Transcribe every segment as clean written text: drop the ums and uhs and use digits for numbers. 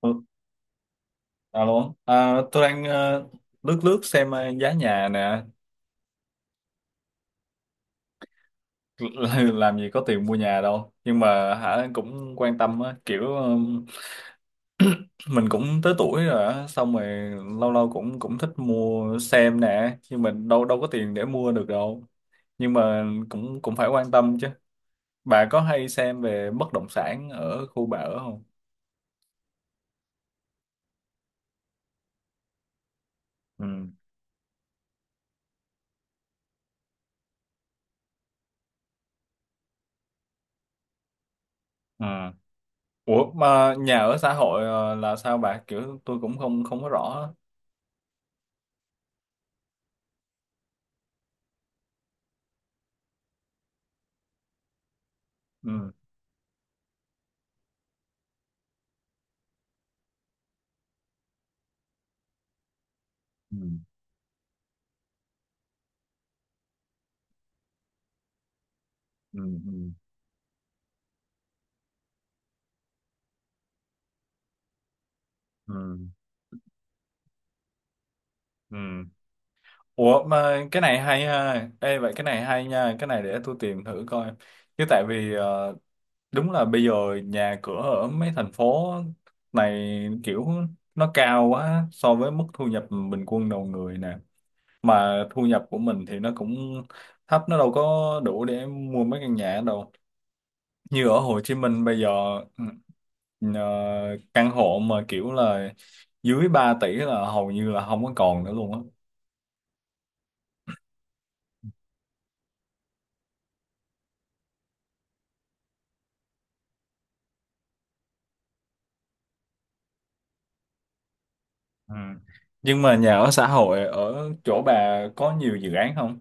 Ừ, Alo, tôi đang lướt lướt xem giá nhà nè. Làm gì có tiền mua nhà đâu, nhưng mà cũng quan tâm á, kiểu mình cũng tới tuổi rồi á, xong rồi lâu lâu cũng cũng thích mua xem nè, nhưng mình đâu đâu có tiền để mua được đâu, nhưng mà cũng cũng phải quan tâm chứ. Bà có hay xem về bất động sản ở khu bà ở không? Ừ. Ừ. Ủa mà nhà ở xã hội là sao bà? Kiểu tôi cũng không không có rõ á. Ừ. Ừ. Ừ. Ừ. Ừ. Ừ. Ủa mà cái này hay ha. Ê, vậy cái này hay nha. Cái này để tôi tìm thử coi. Chứ tại vì đúng là bây giờ nhà cửa ở mấy thành phố này kiểu nó cao quá so với mức thu nhập bình quân đầu người nè. Mà thu nhập của mình thì nó cũng thấp, nó đâu có đủ để mua mấy căn nhà đâu. Như ở Hồ Chí Minh bây giờ ừ, ờ, căn hộ mà kiểu là dưới 3 tỷ là hầu như là không có còn nữa luôn á. Ừ. Nhưng mà nhà ở xã hội ở chỗ bà có nhiều dự án không?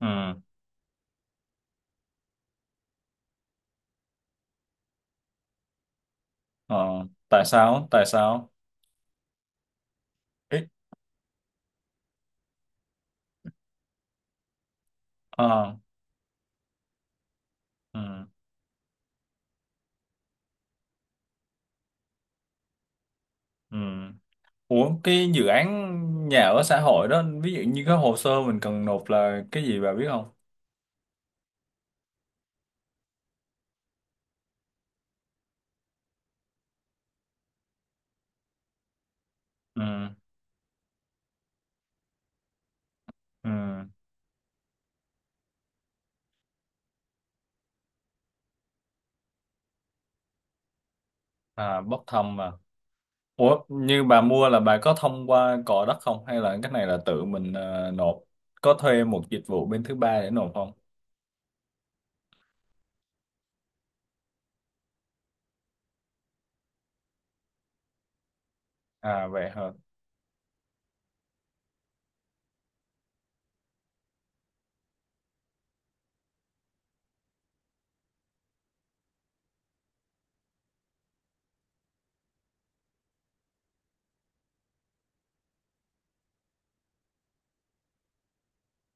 Ừ. Ờ. Tại sao? Tại sao? Ít. Ờ. Ừ. Ừ. Ủa cái dự án nhà ở xã hội đó ví dụ như cái hồ sơ mình cần nộp là cái gì, bà biết không? Ừ. Ừ. À, bốc thăm mà. Ủa như bà mua là bà có thông qua cò đất không, hay là cái này là tự mình nộp? Có thuê một dịch vụ bên thứ ba để nộp không? À, vậy hả?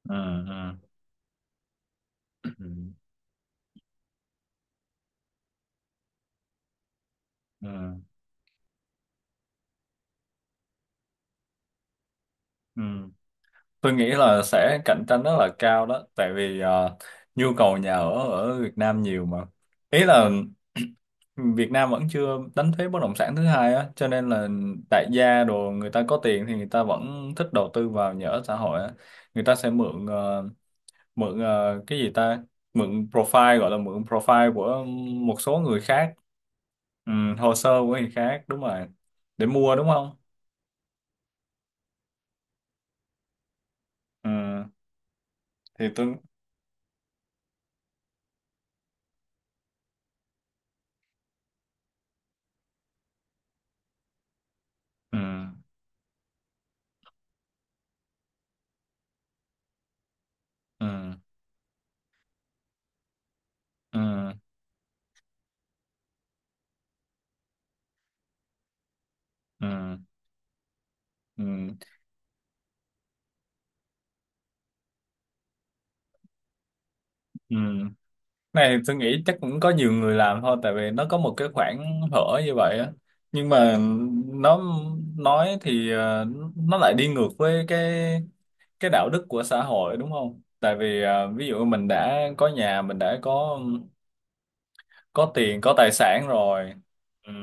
Ừ. Ừ. Ừ. Ừ. Ừ. Tôi nghĩ là sẽ cạnh tranh rất là cao đó, tại vì nhu cầu nhà ở ở Việt Nam nhiều mà. Ý là Việt Nam vẫn chưa đánh thuế bất động sản thứ hai á, cho nên là đại gia đồ người ta có tiền thì người ta vẫn thích đầu tư vào nhà ở xã hội á. Người ta sẽ mượn cái gì ta? Mượn profile, gọi là mượn profile của một số người khác, ừ, hồ sơ của người khác đúng rồi. Để mua đúng không? Ừ, thì tôi ừ, ừ, ừ, ừ, ừ. Ừ, này tôi nghĩ chắc cũng có nhiều người làm thôi tại vì nó có một cái khoảng hở như vậy á, nhưng mà nó nói thì nó lại đi ngược với cái đạo đức của xã hội đúng không, tại vì ví dụ mình đã có nhà, mình đã có tiền có tài sản rồi. Ừ,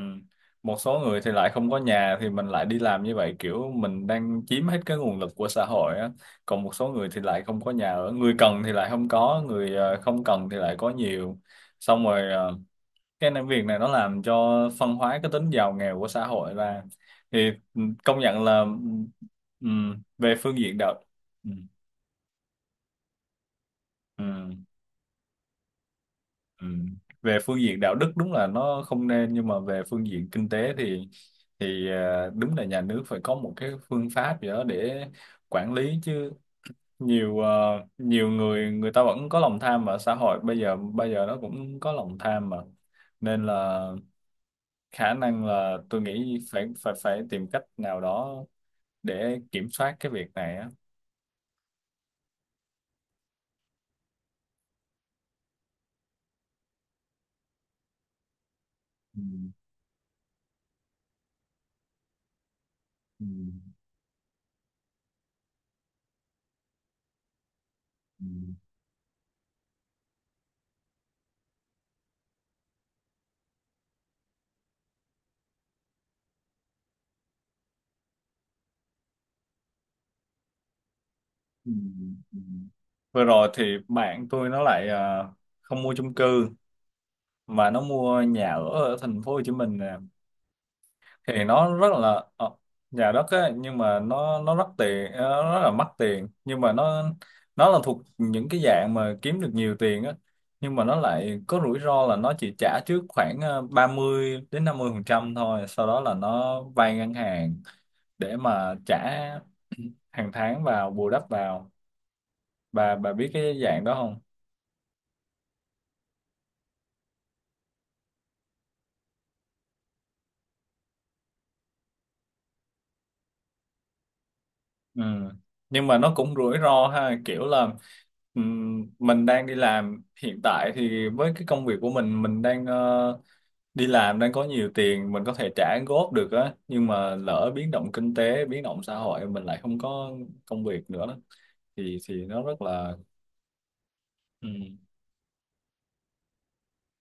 một số người thì lại không có nhà thì mình lại đi làm như vậy, kiểu mình đang chiếm hết cái nguồn lực của xã hội á, còn một số người thì lại không có nhà ở, người cần thì lại không có, người không cần thì lại có nhiều, xong rồi việc này nó làm cho phân hóa cái tính giàu nghèo của xã hội ra. Thì ừ, công nhận là ừ, ừ, về phương diện đạo. Ừ. Ừ. Ừ. Về phương diện đạo đức đúng là nó không nên, nhưng mà về phương diện kinh tế thì đúng là nhà nước phải có một cái phương pháp gì đó để quản lý chứ. Nhiều nhiều người người ta vẫn có lòng tham, mà xã hội bây giờ nó cũng có lòng tham mà, nên là khả năng là tôi nghĩ phải phải phải tìm cách nào đó để kiểm soát cái việc này á. Ừ. Ừ. Ừ. Ừ. Ừ. Vừa rồi thì bạn tôi nó lại không mua chung cư mà nó mua nhà ở ở thành phố Hồ Chí Minh nè, thì nó rất là nhà đất á, nhưng mà nó nó rất là mắc tiền, nhưng mà nó là thuộc những cái dạng mà kiếm được nhiều tiền á, nhưng mà nó lại có rủi ro là nó chỉ trả trước khoảng 30 đến 50% thôi, sau đó là nó vay ngân hàng để mà trả hàng tháng vào, bù đắp vào. Bà biết cái dạng đó không? Ừ. Nhưng mà nó cũng rủi ro ha, kiểu là mình đang đi làm hiện tại thì với cái công việc của mình đang đi làm, đang có nhiều tiền, mình có thể trả góp được á, nhưng mà lỡ biến động kinh tế, biến động xã hội, mình lại không có công việc nữa đó. Thì nó rất là ừm,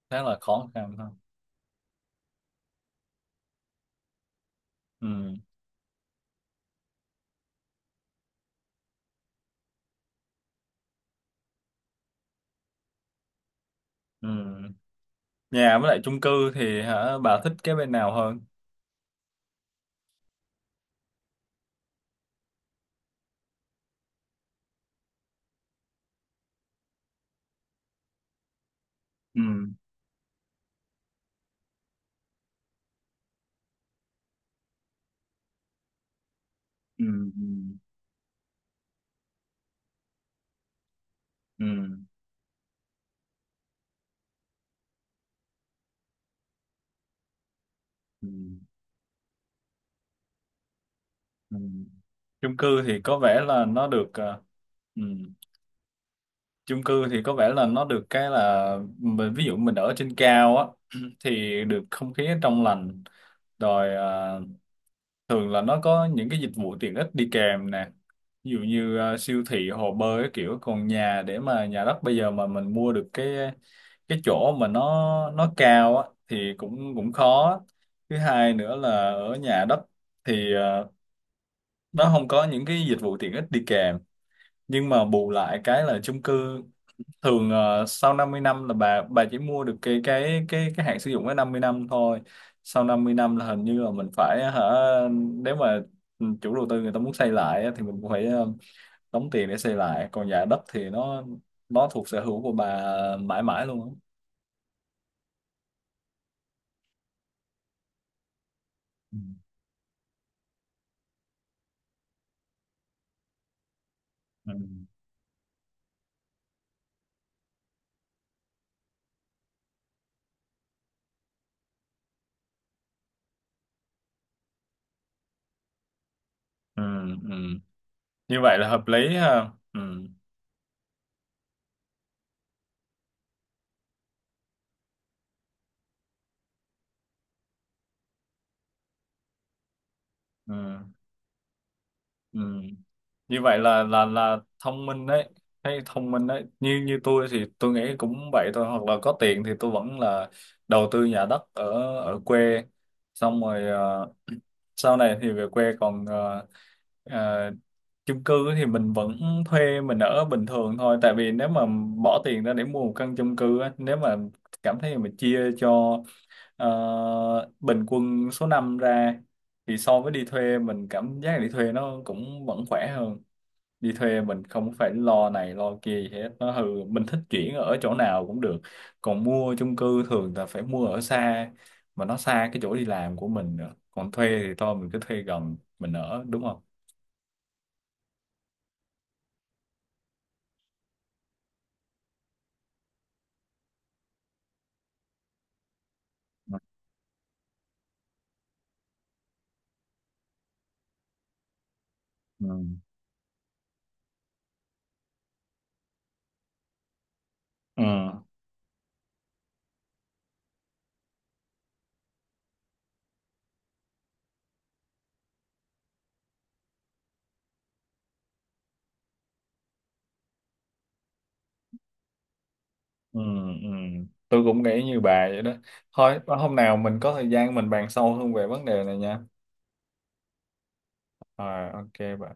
khá là khó khăn ha. Ừ. Ừ. Nhà với lại chung cư thì bà thích cái bên nào hơn? Ừ. Ừ. Ừ. Ừ. Ừ. Ừ. Chung cư thì có vẻ là nó được ừ, chung cư thì có vẻ là nó được cái là mình, ví dụ mình ở trên cao á, thì được không khí trong lành, rồi thường là nó có những cái dịch vụ tiện ích đi kèm nè, ví dụ như siêu thị, hồ bơi, cái kiểu. Còn nhà, để mà nhà đất bây giờ mà mình mua được cái chỗ mà nó cao á thì cũng cũng khó. Thứ hai nữa là ở nhà đất thì nó không có những cái dịch vụ tiện ích đi kèm, nhưng mà bù lại cái là chung cư thường sau 50 năm là bà chỉ mua được cái hạn sử dụng cái 50 năm thôi. Sau 50 năm là hình như là mình phải hả, nếu mà ừ, chủ đầu tư người ta muốn xây lại á, thì mình cũng phải đóng tiền để xây lại. Còn nhà đất thì nó thuộc sở hữu của bà mãi mãi luôn á. Ừ. Ừ. Ừ. Ừ. Như vậy là hợp lý ha. Ừ. Ừ. Ừ. Như vậy là thông minh đấy. Thấy thông minh đấy, như như tôi thì tôi nghĩ cũng vậy thôi, hoặc là có tiền thì tôi vẫn là đầu tư nhà đất ở ở quê, xong rồi sau này thì về quê. Còn ờ, chung cư thì mình vẫn thuê mình ở bình thường thôi, tại vì nếu mà bỏ tiền ra để mua một căn chung cư á, nếu mà cảm thấy mình chia cho ờ, bình quân số năm ra thì so với đi thuê, mình cảm giác đi thuê nó cũng vẫn khỏe hơn. Đi thuê mình không phải lo này lo kia gì hết, nó hư mình thích chuyển ở chỗ nào cũng được, còn mua chung cư thường là phải mua ở xa, mà nó xa cái chỗ đi làm của mình nữa, còn thuê thì thôi mình cứ thuê gần mình ở, đúng không? Ừ. Ừ. Ừ. Ừ. Tôi cũng nghĩ như bà vậy đó. Thôi hôm nào mình có thời gian mình bàn sâu hơn về vấn đề này nha. Rồi, ok bà.